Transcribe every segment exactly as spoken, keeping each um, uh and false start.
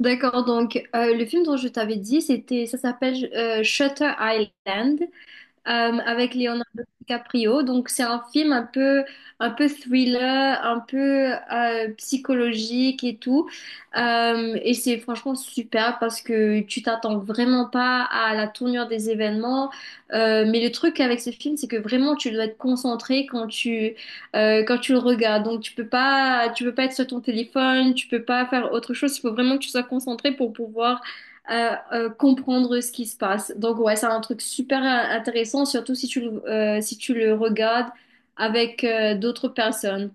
D'accord, donc euh, le film dont je t'avais dit, c'était, ça s'appelle euh, Shutter Island euh, avec Leonardo DiCaprio. Donc c'est un film un peu, un peu thriller, un peu euh, psychologique et tout. Euh, et c'est franchement super parce que tu t'attends vraiment pas à la tournure des événements. Euh, mais le truc avec ce film, c'est que vraiment tu dois être concentré quand tu, euh, quand tu le regardes. Donc tu peux pas, tu peux pas être sur ton téléphone, tu peux pas faire autre chose. Il faut vraiment que tu sois concentré pour pouvoir à euh, comprendre ce qui se passe. Donc ouais, c'est un truc super euh, intéressant, surtout si tu le, euh, si tu le regardes avec euh, d'autres personnes.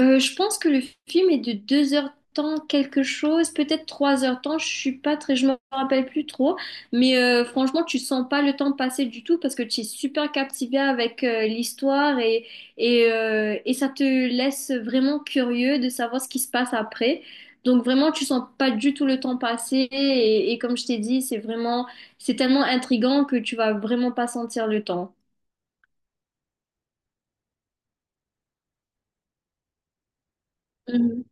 Euh, je pense que le film est de deux heures temps quelque chose, peut-être trois heures temps, je suis pas très, je me rappelle plus trop, mais euh, franchement tu sens pas le temps passer du tout parce que tu es super captivé avec euh, l'histoire et et, euh, et ça te laisse vraiment curieux de savoir ce qui se passe après. Donc vraiment tu sens pas du tout le temps passer et, et comme je t'ai dit c'est vraiment c'est tellement intriguant que tu vas vraiment pas sentir le temps. Mhm.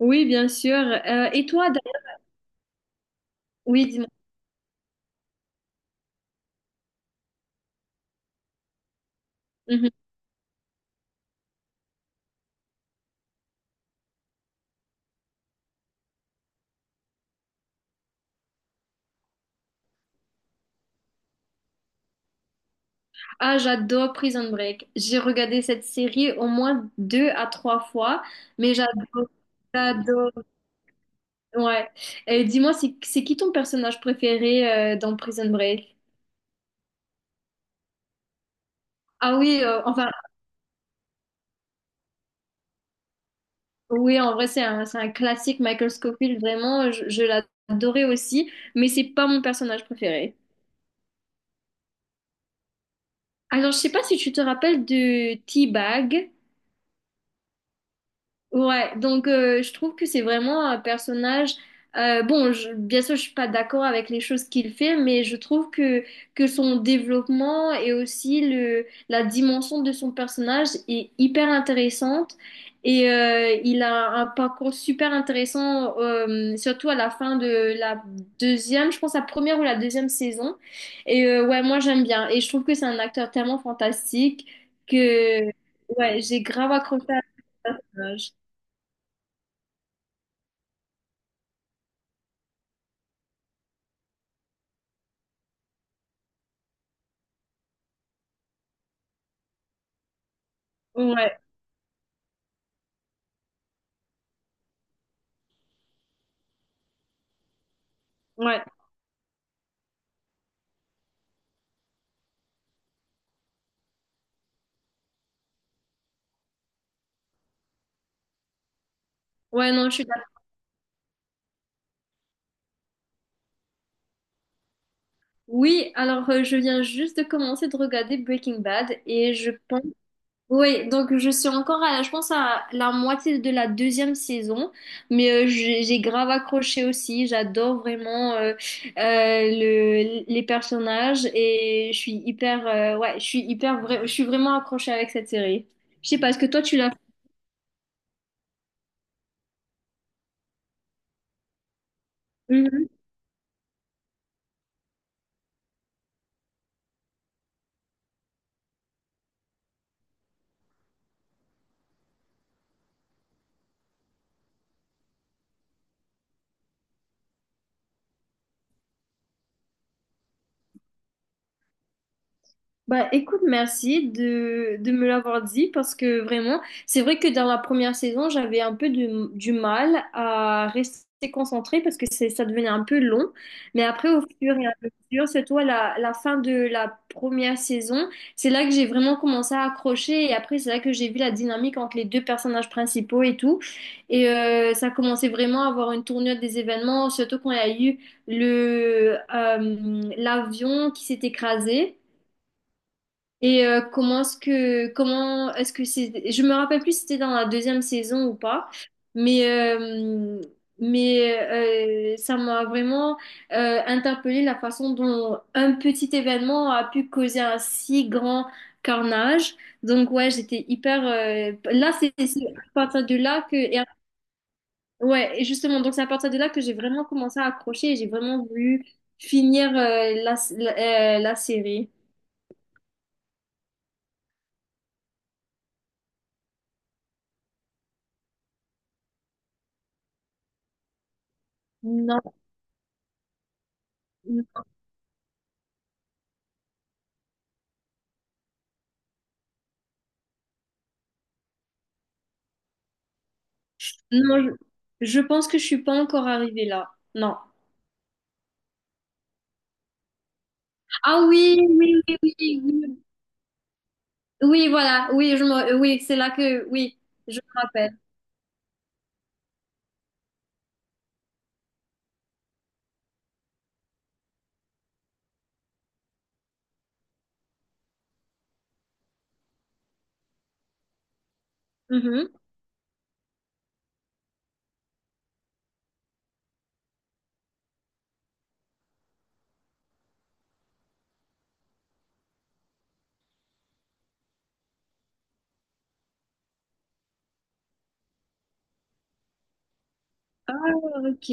Oui bien sûr. Euh, et toi, Dan- oui dis-moi. Mhm. Ah, j'adore Prison Break. J'ai regardé cette série au moins deux à trois fois, mais j'adore, j'adore. Ouais. Et dis-moi, c'est c'est qui ton personnage préféré euh, dans Prison Break? Ah oui, euh, enfin, oui, en vrai, c'est un, c'est un classique, Michael Scofield, vraiment, je, je l'adorais aussi, mais c'est pas mon personnage préféré. Alors, je sais pas si tu te rappelles de T-Bag. Ouais, donc euh, je trouve que c'est vraiment un personnage. euh, bon, je- bien sûr, je suis pas d'accord avec les choses qu'il fait, mais je trouve que que son développement et aussi le la dimension de son personnage est hyper intéressante et euh, il a un parcours super intéressant, euh, surtout à la fin de la deuxième, je pense la première ou la deuxième saison. Et euh, ouais, moi j'aime bien et je trouve que c'est un acteur tellement fantastique que ouais, j'ai grave accroché à ce personnage. Ouais, ouais, ouais, non, je suis d'accord. Oui, alors euh, je viens juste de commencer de regarder Breaking Bad et je pense. Oui, donc je suis encore à, je pense à la moitié de la deuxième saison, mais euh, j'ai j'ai grave accroché aussi. J'adore vraiment euh, euh, le, les personnages et je suis hyper, euh, ouais, je suis hyper, vra- je suis vraiment accrochée avec cette série. Je sais pas, est-ce que toi tu l'as? Bah écoute, merci de, de me l'avoir dit parce que vraiment, c'est vrai que dans la première saison, j'avais un peu de- du mal à rester concentrée parce que c'est, ça devenait un peu long. Mais après, au fur et à mesure, c'est toi la, la fin de la première saison, c'est là que j'ai vraiment commencé à accrocher et après, c'est là que j'ai vu la dynamique entre les deux personnages principaux et tout. Et euh, ça commençait vraiment à avoir une tournure des événements, surtout quand il y a eu le, euh, l'avion qui s'est écrasé. Et euh, comment est-ce que comment est-ce que c'est, je me rappelle plus si c'était dans la deuxième saison ou pas, mais euh, mais euh, ça m'a vraiment euh, interpellée la façon dont un petit événement a pu causer un si grand carnage. Donc ouais, j'étais hyper euh, là c'est c'est à partir de là que et- Ouais et justement, donc c'est à partir de là que j'ai vraiment commencé à accrocher et j'ai vraiment voulu finir euh, la, la euh, la série. Non. Non, je, je pense que je suis pas encore arrivée là. Non. Ah oui, oui, oui, oui, oui, oui, voilà, oui, je me... oui, c'est là que, oui, je me rappelle. Mhm. Ah, ok.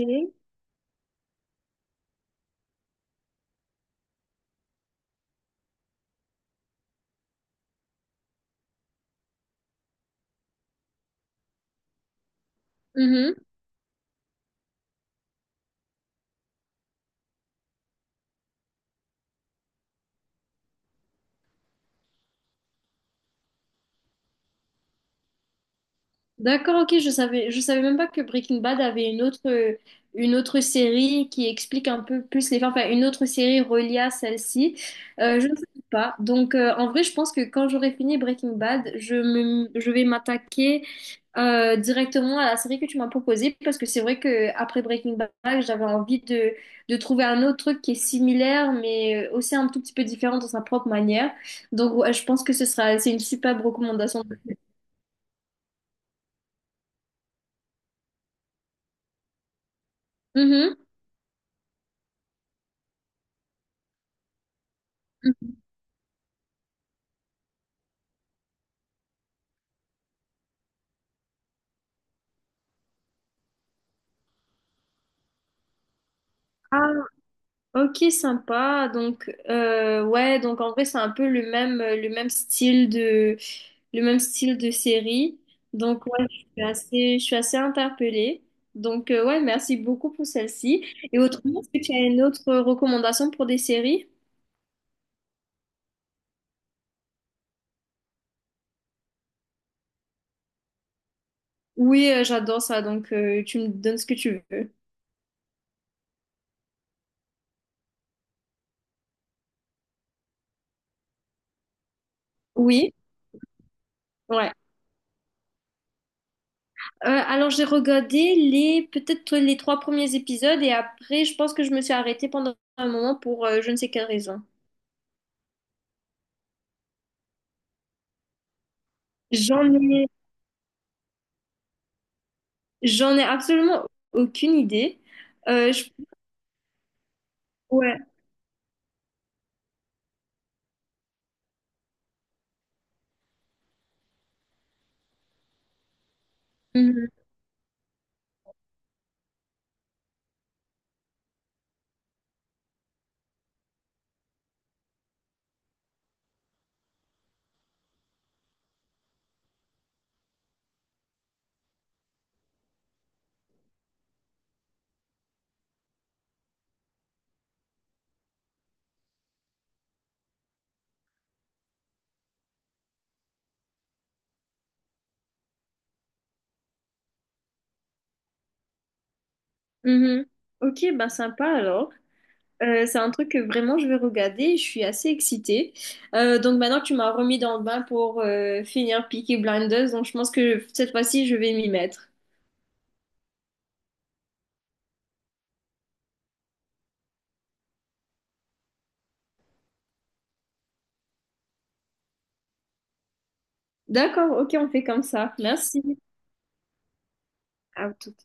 Mhm. D'accord, ok, je savais, je savais même pas que Breaking Bad avait une autre, une autre série qui explique un peu plus les fins, enfin une autre série reliée à celle-ci. Euh, je ne sais pas. Donc euh, en vrai, je pense que quand j'aurai fini Breaking Bad, je me, je vais m'attaquer euh, directement à la série que tu m'as proposée parce que c'est vrai que après Breaking Bad, j'avais envie de, de trouver un autre truc qui est similaire mais euh, aussi un tout petit peu différent dans sa propre manière. Donc ouais, je pense que ce sera, c'est une superbe recommandation. Mhm. Ok, sympa. Donc, euh, ouais, donc en vrai, c'est un peu le même, le même style de, le même style de série. Donc, ouais, je suis assez, je suis assez interpellée. Donc, euh, ouais, merci beaucoup pour celle-ci. Et autrement, est-ce que tu as une autre recommandation pour des séries? Oui, euh, j'adore ça. Donc, euh, tu me donnes ce que tu veux. Oui, ouais. Euh, alors, j'ai regardé les, peut-être les trois premiers épisodes et après, je pense que je me suis arrêtée pendant un moment pour euh, je ne sais quelle raison. J'en ai, J'en ai absolument aucune idée. Euh, je- Ouais. Mhm. Mhm. Ok, bah sympa alors. Euh, c'est un truc que vraiment je vais regarder. Je suis assez excitée. Euh, donc maintenant que tu m'as remis dans le bain pour euh, finir Peaky Blinders, donc je pense que cette fois-ci je vais m'y mettre. D'accord, ok, on fait comme ça. Merci. À tout.